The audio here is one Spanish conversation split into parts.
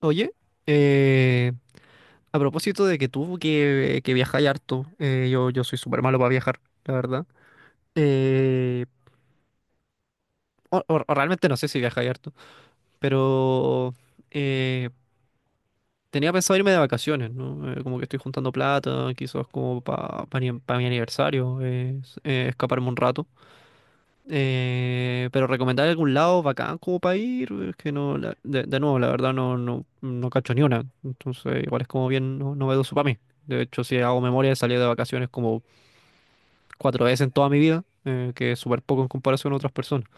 Oye, eh, a propósito de que tú que viajáis harto, yo soy súper malo para viajar, la verdad. Eh, o realmente no sé si viajáis harto, pero eh, tenía pensado irme de vacaciones, ¿no? Como que estoy juntando plata, quizás como para pa mi aniversario, escaparme un rato. Pero recomendar algún lado bacán como para ir, es que no, de nuevo, la verdad no cacho ni una. Entonces, igual es como bien novedoso para mí. De hecho, si hago memoria, he salido de vacaciones como 4 veces en toda mi vida, que es súper poco en comparación a otras personas.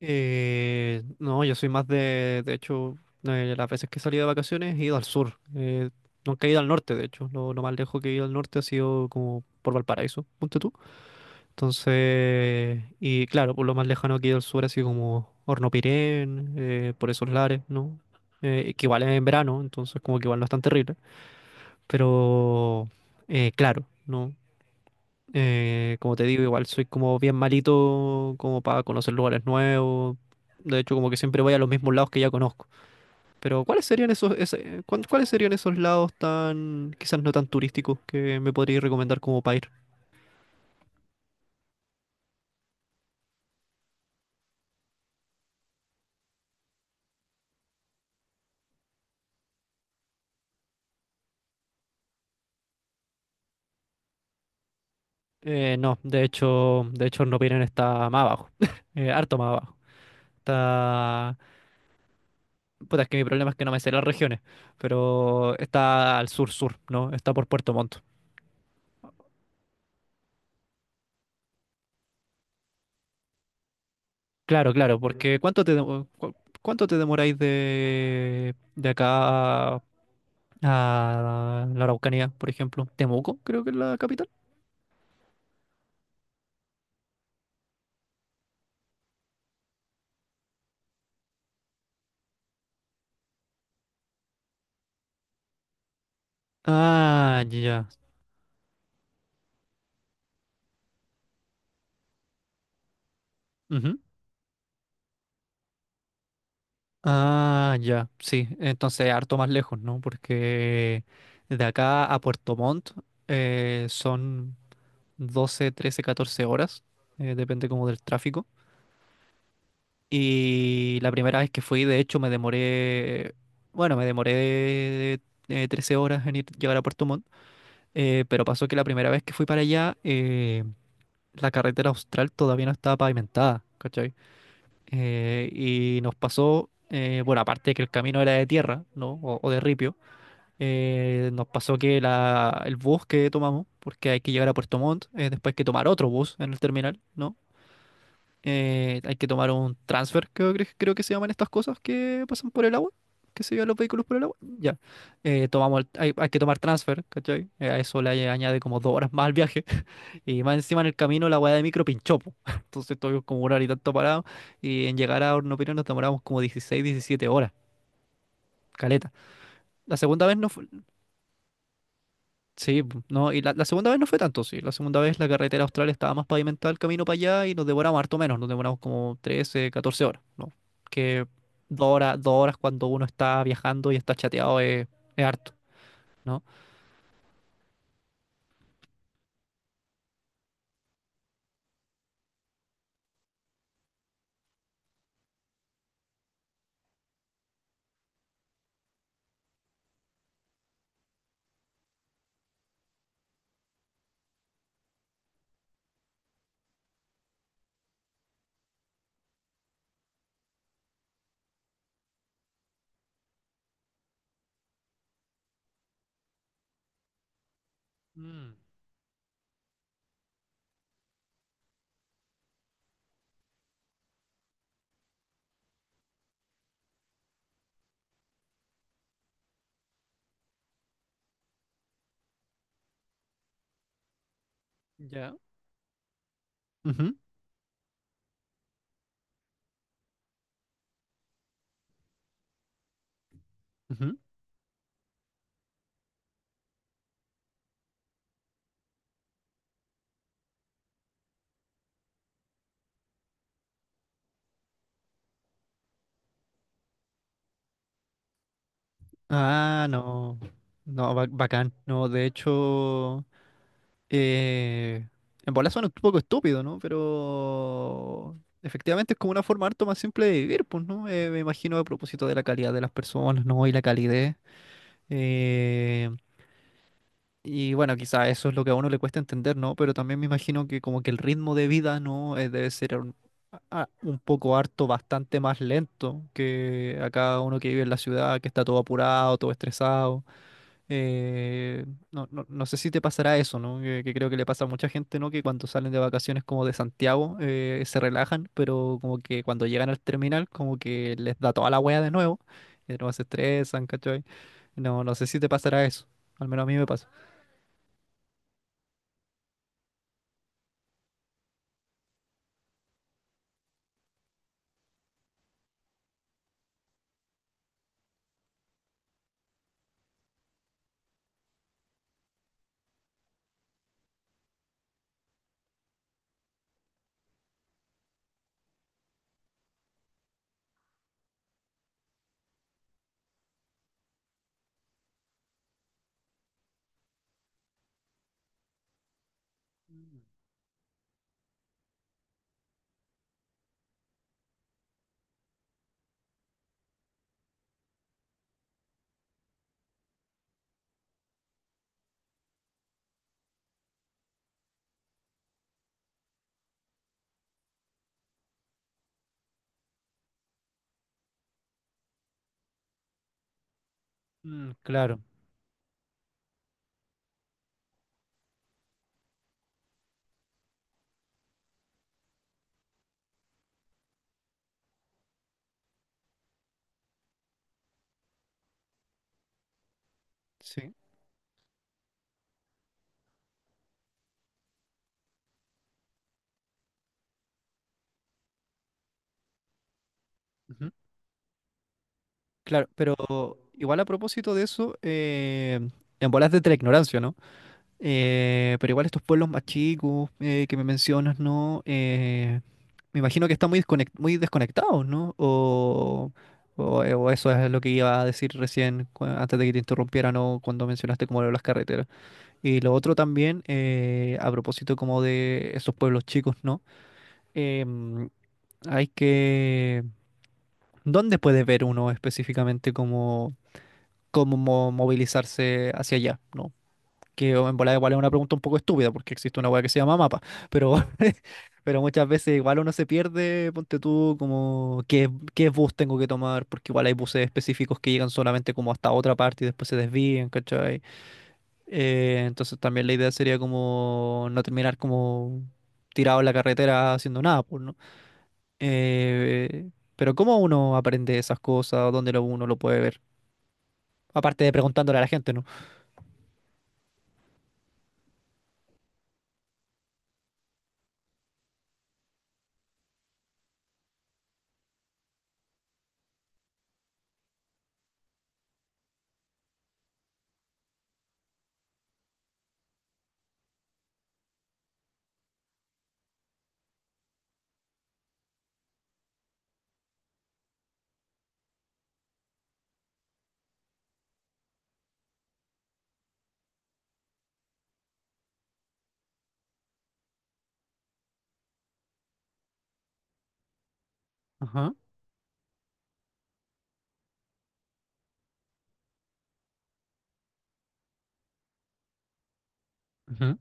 No, yo soy más de hecho, de las veces que he salido de vacaciones he ido al sur. Nunca he ido al norte, de hecho. Lo más lejos que he ido al norte ha sido como por Valparaíso. Punto Entonces, y claro, por lo más lejano aquí del sur, así como Hornopirén, por esos lares, ¿no? Que igual es en verano, entonces como que igual no es tan terrible. Pero, claro, ¿no? Como te digo, igual soy como bien malito como para conocer lugares nuevos. De hecho, como que siempre voy a los mismos lados que ya conozco. Pero, ¿cuáles serían cuáles serían esos lados tan, quizás no tan turísticos que me podrías recomendar como para ir? No, de hecho Nopiren está más abajo, harto más abajo. Está... Puta, es que mi problema es que no me sé las regiones, pero está al sur-sur, ¿no? Está por Puerto Montt. Claro, claro, porque ¿cuánto te demoráis de acá a la Araucanía, por ejemplo? Temuco, creo que es la capital. Ah, ya. Ah, ya, sí, entonces harto más lejos, ¿no? Porque de acá a Puerto Montt son 12, 13, 14 horas, depende como del tráfico. Y la primera vez que fui, de hecho, me demoré 13 horas en llegar a Puerto Montt, pero pasó que la primera vez que fui para allá, la carretera austral todavía no estaba pavimentada, ¿cachai? Y nos pasó, bueno, aparte de que el camino era de tierra, ¿no? O de ripio, nos pasó que el bus que tomamos, porque hay que llegar a Puerto Montt, después hay que tomar otro bus en el terminal, ¿no? Hay que tomar un transfer, creo, creo que se llaman estas cosas que pasan por el agua, que se llevan los vehículos por el agua. Ya. Hay, hay que tomar transfer, ¿cachai? A eso le añade como 2 horas más al viaje. Y más encima en el camino la weá de micro pinchó, po. Entonces estuvimos como una hora y tanto parado. Y en llegar a Hornopirón nos demoramos como 16, 17 horas. Caleta. La segunda vez no. No, y la segunda vez no fue tanto, sí. La segunda vez la carretera austral estaba más pavimentada el camino para allá y nos demoramos harto menos, nos demoramos como 13, 14 horas, ¿no? Que dos horas cuando uno está viajando y está chateado es harto, ¿no? Mm, ya. Ujú, ujú. Ah, no. No, ba- bacán. No, de hecho. Eh, en bola suena un poco estúpido, ¿no? Pero efectivamente es como una forma harto más simple de vivir, pues, ¿no? Me imagino a propósito de la calidad de las personas, ¿no? Y la calidez. eh, y bueno, quizá eso es lo que a uno le cuesta entender, ¿no? Pero también me imagino que como que el ritmo de vida, ¿no? Debe ser un poco harto, bastante más lento que acá uno que vive en la ciudad, que está todo apurado, todo estresado. No sé si te pasará eso, ¿no? Que creo que le pasa a mucha gente, ¿no? Que cuando salen de vacaciones como de Santiago, se relajan, pero como que cuando llegan al terminal, como que les da toda la wea de nuevo, y de nuevo se estresan, ¿cachai? No, no sé si te pasará eso, al menos a mí me pasa. Mm, claro, sí. Ujú. Claro, pero igual a propósito de eso, en bolas de la ignorancia, ¿no? Pero igual estos pueblos más chicos que me mencionas, ¿no? Me imagino que están muy desconectados, ¿no? O eso es lo que iba a decir antes de que te interrumpiera, ¿no? Cuando mencionaste como lo de las carreteras. Y lo otro también, a propósito como de esos pueblos chicos, ¿no? Em, Hay que... ¿Dónde puede ver uno específicamente movilizarse hacia allá, ¿no? Que o en volada igual es una pregunta un poco estúpida porque existe una weá que se llama mapa, pero, pero muchas veces igual uno se pierde, ponte tú como qué bus tengo que tomar, porque igual hay buses específicos que llegan solamente como hasta otra parte y después se desvían, ¿cachai? Entonces también la idea sería como no terminar como tirado en la carretera haciendo nada, pues, ¿no? Eh, pero ¿cómo uno aprende esas cosas? ¿Dónde uno lo puede ver? Aparte de preguntándole a la gente, ¿no? Ajá, ajá.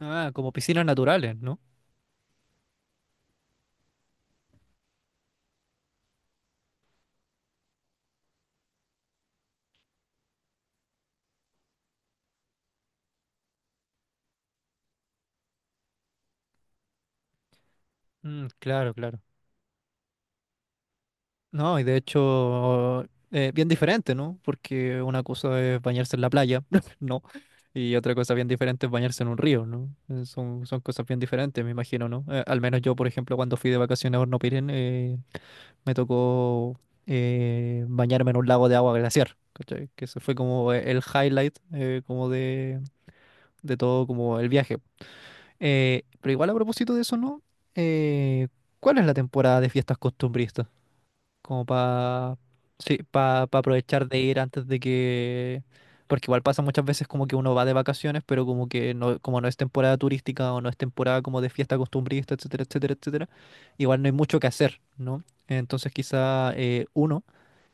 Ah, como piscinas naturales, ¿no? Mm, claro, claro. No, y de hecho, bien diferente, ¿no? Porque una cosa es bañarse en la playa, ¿no? Y otra cosa bien diferente es bañarse en un río, ¿no? Son, son cosas bien diferentes, me imagino, ¿no? Al menos yo, por ejemplo, cuando fui de vacaciones a Horno eh, me tocó bañarme en un lago de agua glaciar, ¿cachai? Que eso fue como el highlight, como de todo, como el viaje. Pero igual a propósito de eso, ¿no? Eh, ¿Cuál es la temporada de fiestas costumbristas? Como para sí, para aprovechar de ir antes de que. Porque igual pasa muchas veces como que uno va de vacaciones, pero como que no, como no es temporada turística o no es temporada como de fiesta costumbrista, etcétera, etcétera, etcétera, igual no hay mucho que hacer, ¿no? Entonces quizá eh, uno,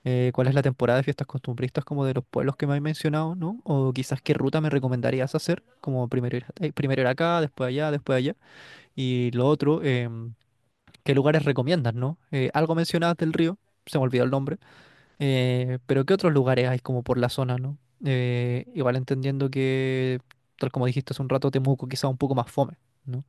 eh, ¿cuál es la temporada de fiestas costumbristas como de los pueblos que me has mencionado, ¿no? O quizás qué ruta me recomendarías hacer, como primero ir acá, después allá, después allá. Y lo otro, ¿qué lugares recomiendas, no? Algo mencionabas del río, se me olvidó el nombre, pero ¿qué otros lugares hay como por la zona, no? Igual entendiendo que, tal como dijiste hace un rato, Temuco quizá un poco más fome, ¿no?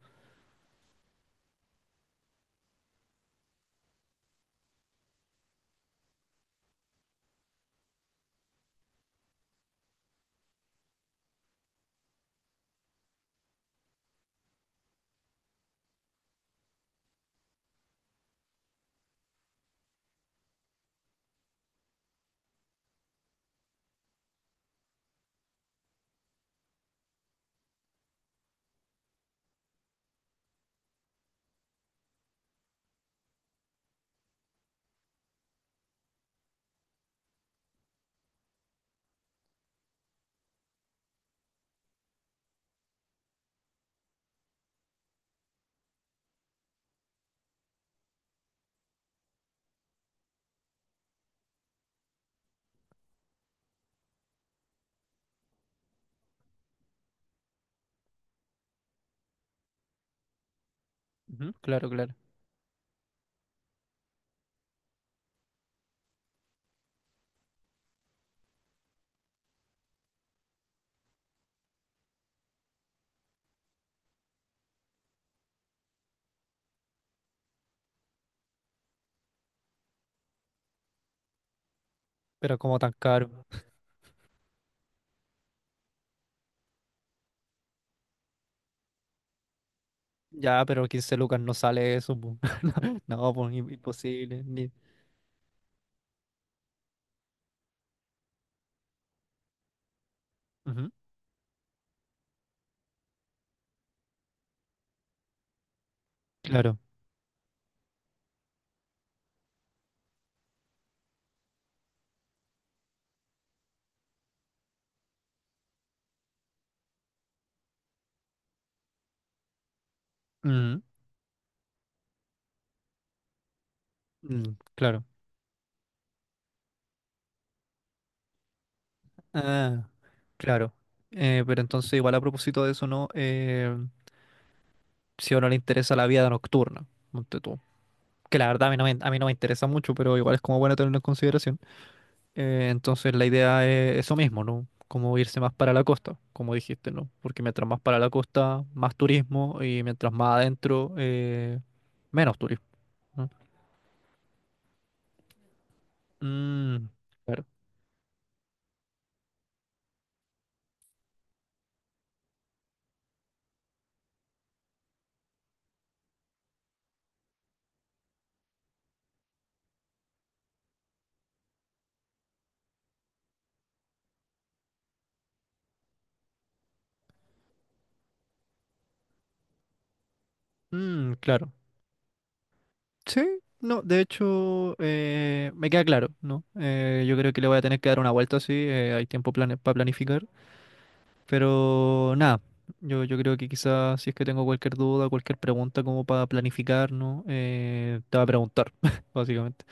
Ujú, claro, claro. Pero como tan caro. Ya, pero 15 lucas no sale eso, po. No, pues imposible. Ni. Ujú. Claro. Mm, mm, claro. Ah, claro. Pero entonces, igual a propósito de eso, ¿no? Si a uno le interesa la vida nocturna, monte tú. Que la verdad a mí no me interesa mucho, pero igual es como bueno tenerlo en consideración. Entonces la idea es eso mismo, ¿no? Como irse más para la costa, como dijiste, ¿no? Porque mientras más para la costa, más turismo y mientras más adentro, menos turismo, ¿no? Mm, claro. Mm, claro. Sí, no, de hecho, me queda claro, ¿no? Yo creo que le voy a tener que dar una vuelta, sí, hay tiempo para planificar. Pero nada, yo creo que quizás si es que tengo cualquier duda, cualquier pregunta como para planificarnos, te va a preguntar, básicamente.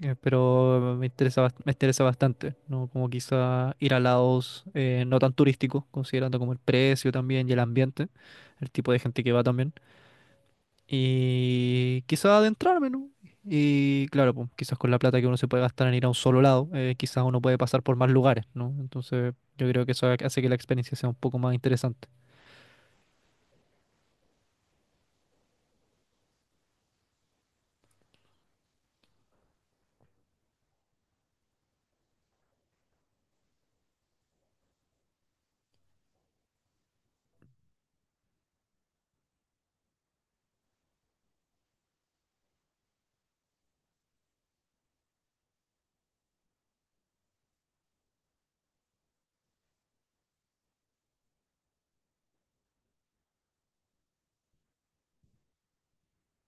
Pero me interesa, me interesa bastante, ¿no? Como quizás ir a lados no tan turísticos, considerando como el precio también y el ambiente, el tipo de gente que va también. Y quizás adentrarme, ¿no? Y claro, pues quizás con la plata que uno se puede gastar en ir a un solo lado, quizás uno puede pasar por más lugares, ¿no? Entonces yo creo que eso hace que la experiencia sea un poco más interesante.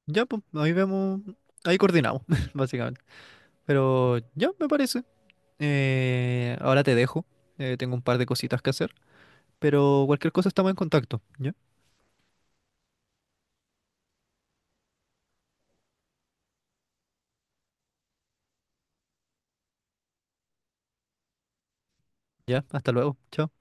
Ya, pues, ahí vemos, ahí coordinamos, básicamente. Pero ya, me parece. Ahora te dejo. Tengo un par de cositas que hacer. Pero cualquier cosa estamos en contacto. Ya, ya, hasta luego. Chao.